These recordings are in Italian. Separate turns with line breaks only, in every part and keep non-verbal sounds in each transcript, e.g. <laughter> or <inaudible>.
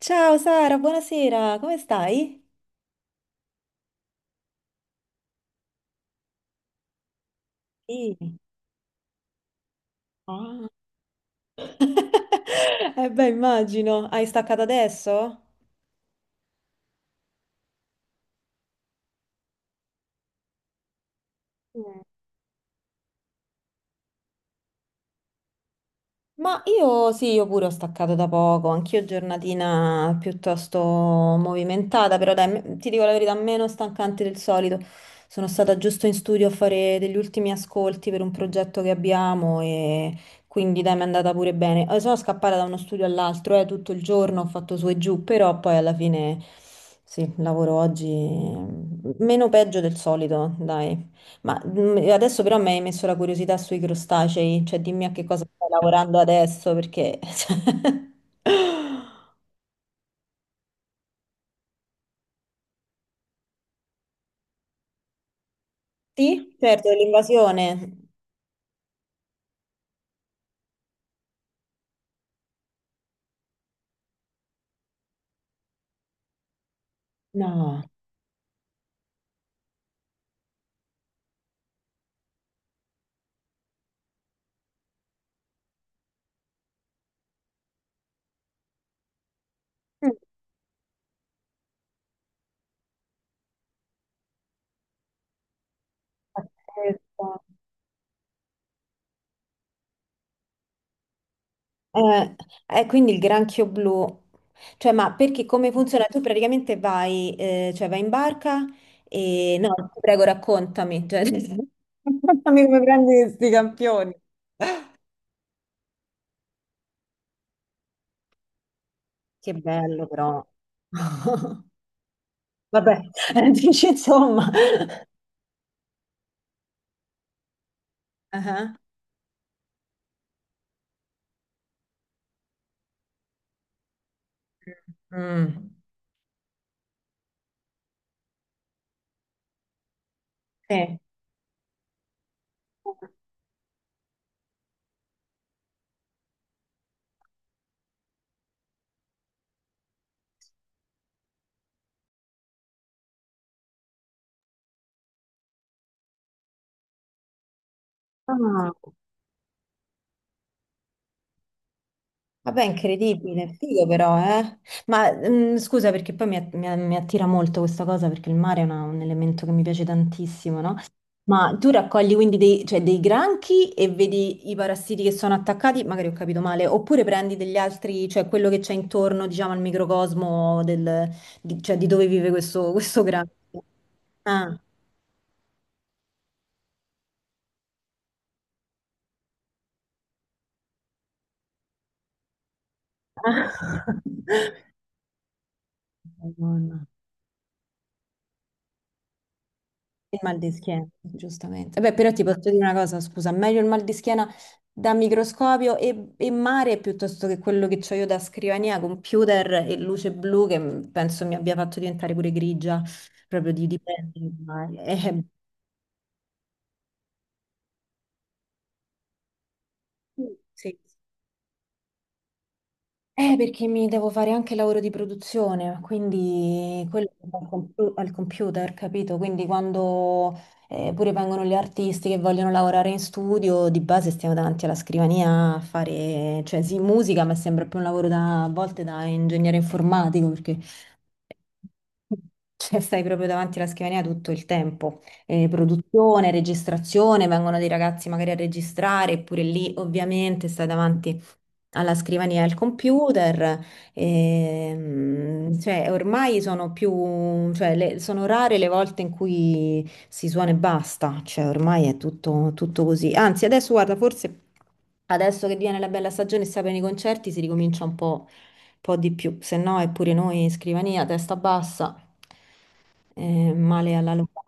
Ciao Sara, buonasera, come stai? Sì. Ah. <laughs> Eh, beh, immagino, hai staccato adesso? Mm. Ma io sì, io pure ho staccato da poco, anch'io giornatina piuttosto movimentata, però dai, ti dico la verità, meno stancante del solito. Sono stata giusto in studio a fare degli ultimi ascolti per un progetto che abbiamo e quindi dai, mi è andata pure bene. Sono scappata da uno studio all'altro, tutto il giorno ho fatto su e giù, però poi alla fine sì, lavoro oggi meno peggio del solito, dai. Ma adesso però mi hai messo la curiosità sui crostacei, cioè dimmi a che cosa stai lavorando adesso, perché... <laughs> Sì, certo, l'invasione. No. Mm, pazzesco. Eh, quindi il granchio blu. Cioè, ma perché come funziona? Tu praticamente vai, cioè vai in barca e... No, ti prego, raccontami. <laughs> Raccontami come prendi questi campioni. Che bello però. <laughs> Vabbè, <laughs> dici insomma. Ah, mm. Sì. Ah, vabbè, incredibile, figo però, eh. Ma scusa perché poi mi attira molto questa cosa perché il mare è un elemento che mi piace tantissimo, no? Ma tu raccogli quindi cioè, dei granchi e vedi i parassiti che sono attaccati, magari ho capito male, oppure prendi degli altri, cioè quello che c'è intorno, diciamo, al microcosmo di, cioè, di dove vive questo granchio. Ah. Madonna. Il mal di schiena, giustamente. Beh, però ti posso dire una cosa, scusa, meglio il mal di schiena da microscopio e mare piuttosto che quello che ho io da scrivania, computer e luce blu che penso mi abbia fatto diventare pure grigia, proprio di dipendere. Perché mi devo fare anche il lavoro di produzione, quindi quello al computer, capito? Quindi quando pure vengono gli artisti che vogliono lavorare in studio, di base stiamo davanti alla scrivania a fare, cioè sì, musica, ma sembra più un lavoro da, a volte da ingegnere informatico, perché cioè, stai proprio davanti alla scrivania tutto il tempo. Produzione, registrazione, vengono dei ragazzi magari a registrare, eppure lì ovviamente stai davanti alla scrivania e al computer. Cioè, ormai sono più, cioè, sono rare le volte in cui si suona e basta. Cioè, ormai è tutto così. Anzi, adesso guarda, forse adesso che viene la bella stagione e si aprono i concerti, si ricomincia un po' di più, se no è pure noi scrivania, testa bassa, male alla locale.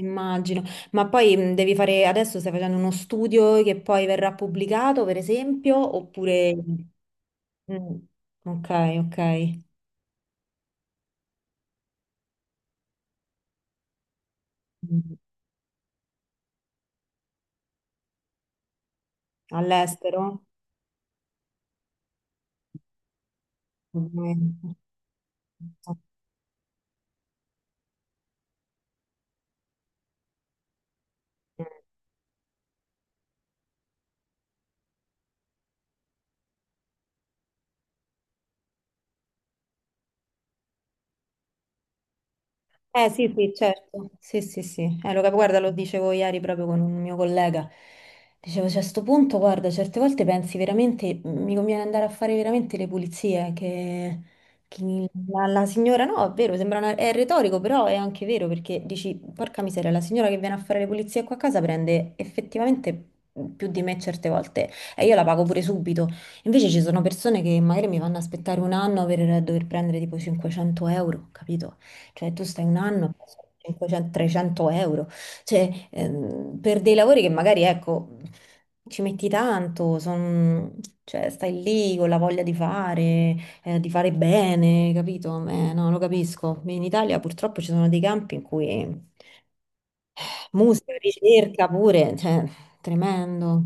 Immagino, ma poi devi fare, adesso stai facendo uno studio che poi verrà pubblicato, per esempio, oppure... Mm, ok, ok. Mm. All'estero? Ovviamente. Eh sì, sì, certo. Sì, sì, sì. Guarda, lo dicevo ieri proprio con un mio collega. Dicevo, cioè, a sto punto, guarda, certe volte pensi veramente, mi conviene andare a fare veramente le pulizie, che la signora, no, è vero, sembra è retorico, però è anche vero, perché dici, porca miseria, la signora che viene a fare le pulizie qua a casa prende effettivamente più di me certe volte e io la pago pure subito. Invece ci sono persone che magari mi vanno a aspettare 1 anno per dover prendere tipo 500 euro, capito? Cioè, tu stai 1 anno, 500, 300 euro, cioè, per dei lavori che magari, ecco, ci metti tanto, cioè, stai lì con la voglia di fare bene, capito? No, lo capisco. In Italia purtroppo ci sono dei campi in cui musica, ricerca pure, cioè, tremendo.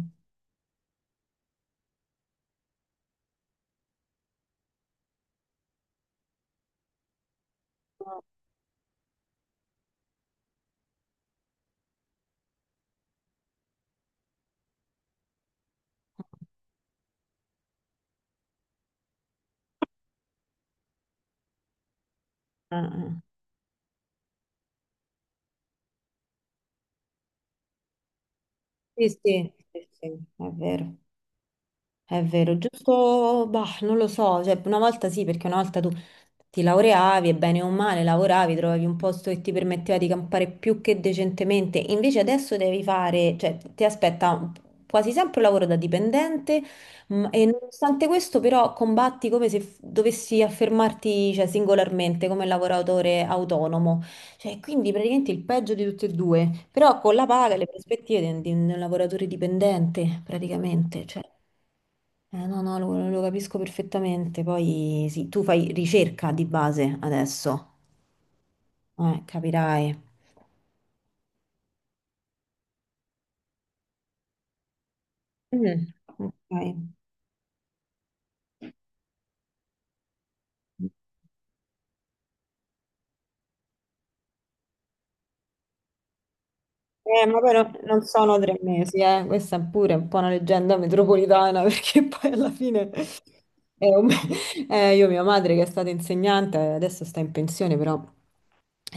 Eh, sì, sì, sì, sì, è vero. È vero, giusto, bah, non lo so, cioè una volta sì, perché una volta tu ti laureavi e bene o male lavoravi, trovavi un posto che ti permetteva di campare più che decentemente, invece adesso devi fare, cioè ti aspetta quasi sempre un lavoro da dipendente e nonostante questo però combatti come se dovessi affermarti, cioè, singolarmente come lavoratore autonomo, cioè quindi praticamente il peggio di tutti e due, però con la paga e le prospettive di un lavoratore dipendente praticamente, cioè. No, lo capisco perfettamente. Poi sì, tu fai ricerca di base adesso, capirai. Mm. Ok. Ma poi non sono 3 mesi, eh. Questa è pure un po' una leggenda metropolitana <laughs> perché poi alla fine è io, mia madre che è stata insegnante, adesso sta in pensione, però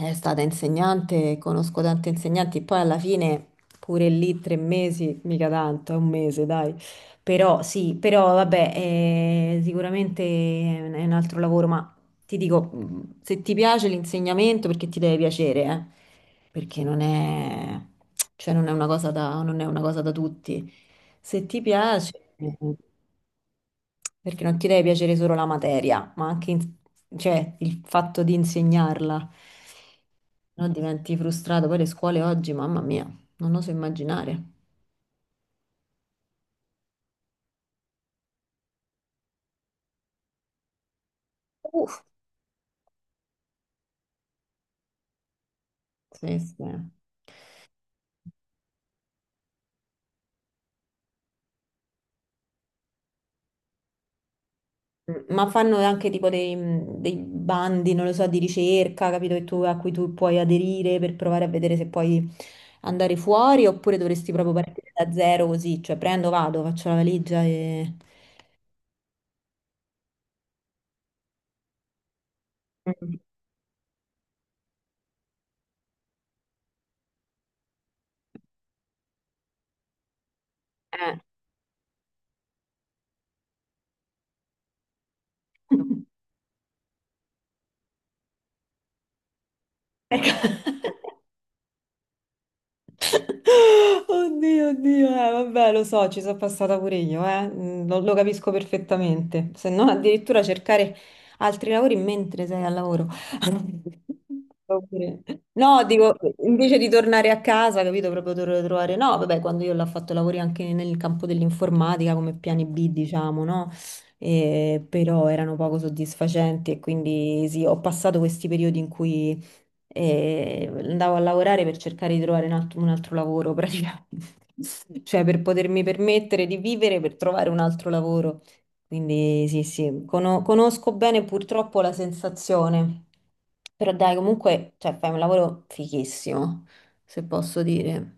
è stata insegnante, conosco tanti insegnanti, poi alla fine pure lì 3 mesi, mica tanto, è un mese, dai. Però sì, però vabbè, sicuramente è un altro lavoro, ma... Ti dico, se ti piace l'insegnamento, perché ti deve piacere, eh? Perché non è, cioè non è una cosa da, non è una cosa da tutti. Se ti piace, mm, perché non ti deve piacere solo la materia, ma anche cioè, il fatto di insegnarla, no? Diventi frustrato. Poi le scuole oggi, mamma mia, non oso immaginare. Uff, sì, sì. Ma fanno anche tipo dei bandi, non lo so, di ricerca, capito, a cui tu puoi aderire per provare a vedere se puoi andare fuori oppure dovresti proprio partire da zero così, cioè prendo, vado, faccio la valigia e... Mm. Eh, <laughs> Ecco. Oddio, oddio, vabbè, lo so, ci sono passata pure io, lo capisco perfettamente. Se non addirittura cercare altri lavori mentre sei al lavoro. <laughs> Oppure- No, dico, invece di tornare a casa, capito, proprio dovrei trovare... No, vabbè, quando io l'ho fatto lavori anche nel campo dell'informatica come piani B, diciamo, no? Però erano poco soddisfacenti e quindi sì, ho passato questi periodi in cui e andavo a lavorare per cercare di trovare un altro lavoro praticamente, <laughs> cioè per potermi permettere di vivere per trovare un altro lavoro. Quindi sì, sì, conosco bene purtroppo la sensazione, però dai, comunque, cioè, fai un lavoro fighissimo, se posso dire.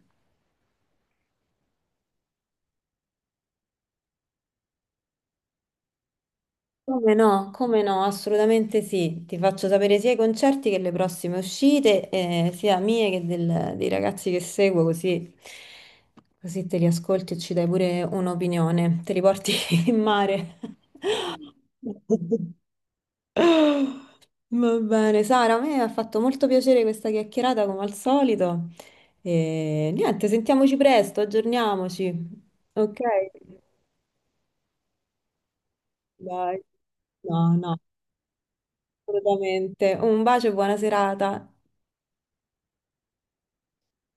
Come no, come no, assolutamente sì. Ti faccio sapere sia i concerti che le prossime uscite, sia mie che dei ragazzi che seguo, così, così te li ascolti e ci dai pure un'opinione. Te li porti <laughs> in mare. Va bene, Sara, a me ha fatto molto piacere questa chiacchierata come al solito. E niente, sentiamoci presto, aggiorniamoci. Ok? Dai. No, no, assolutamente. Un bacio e buona serata.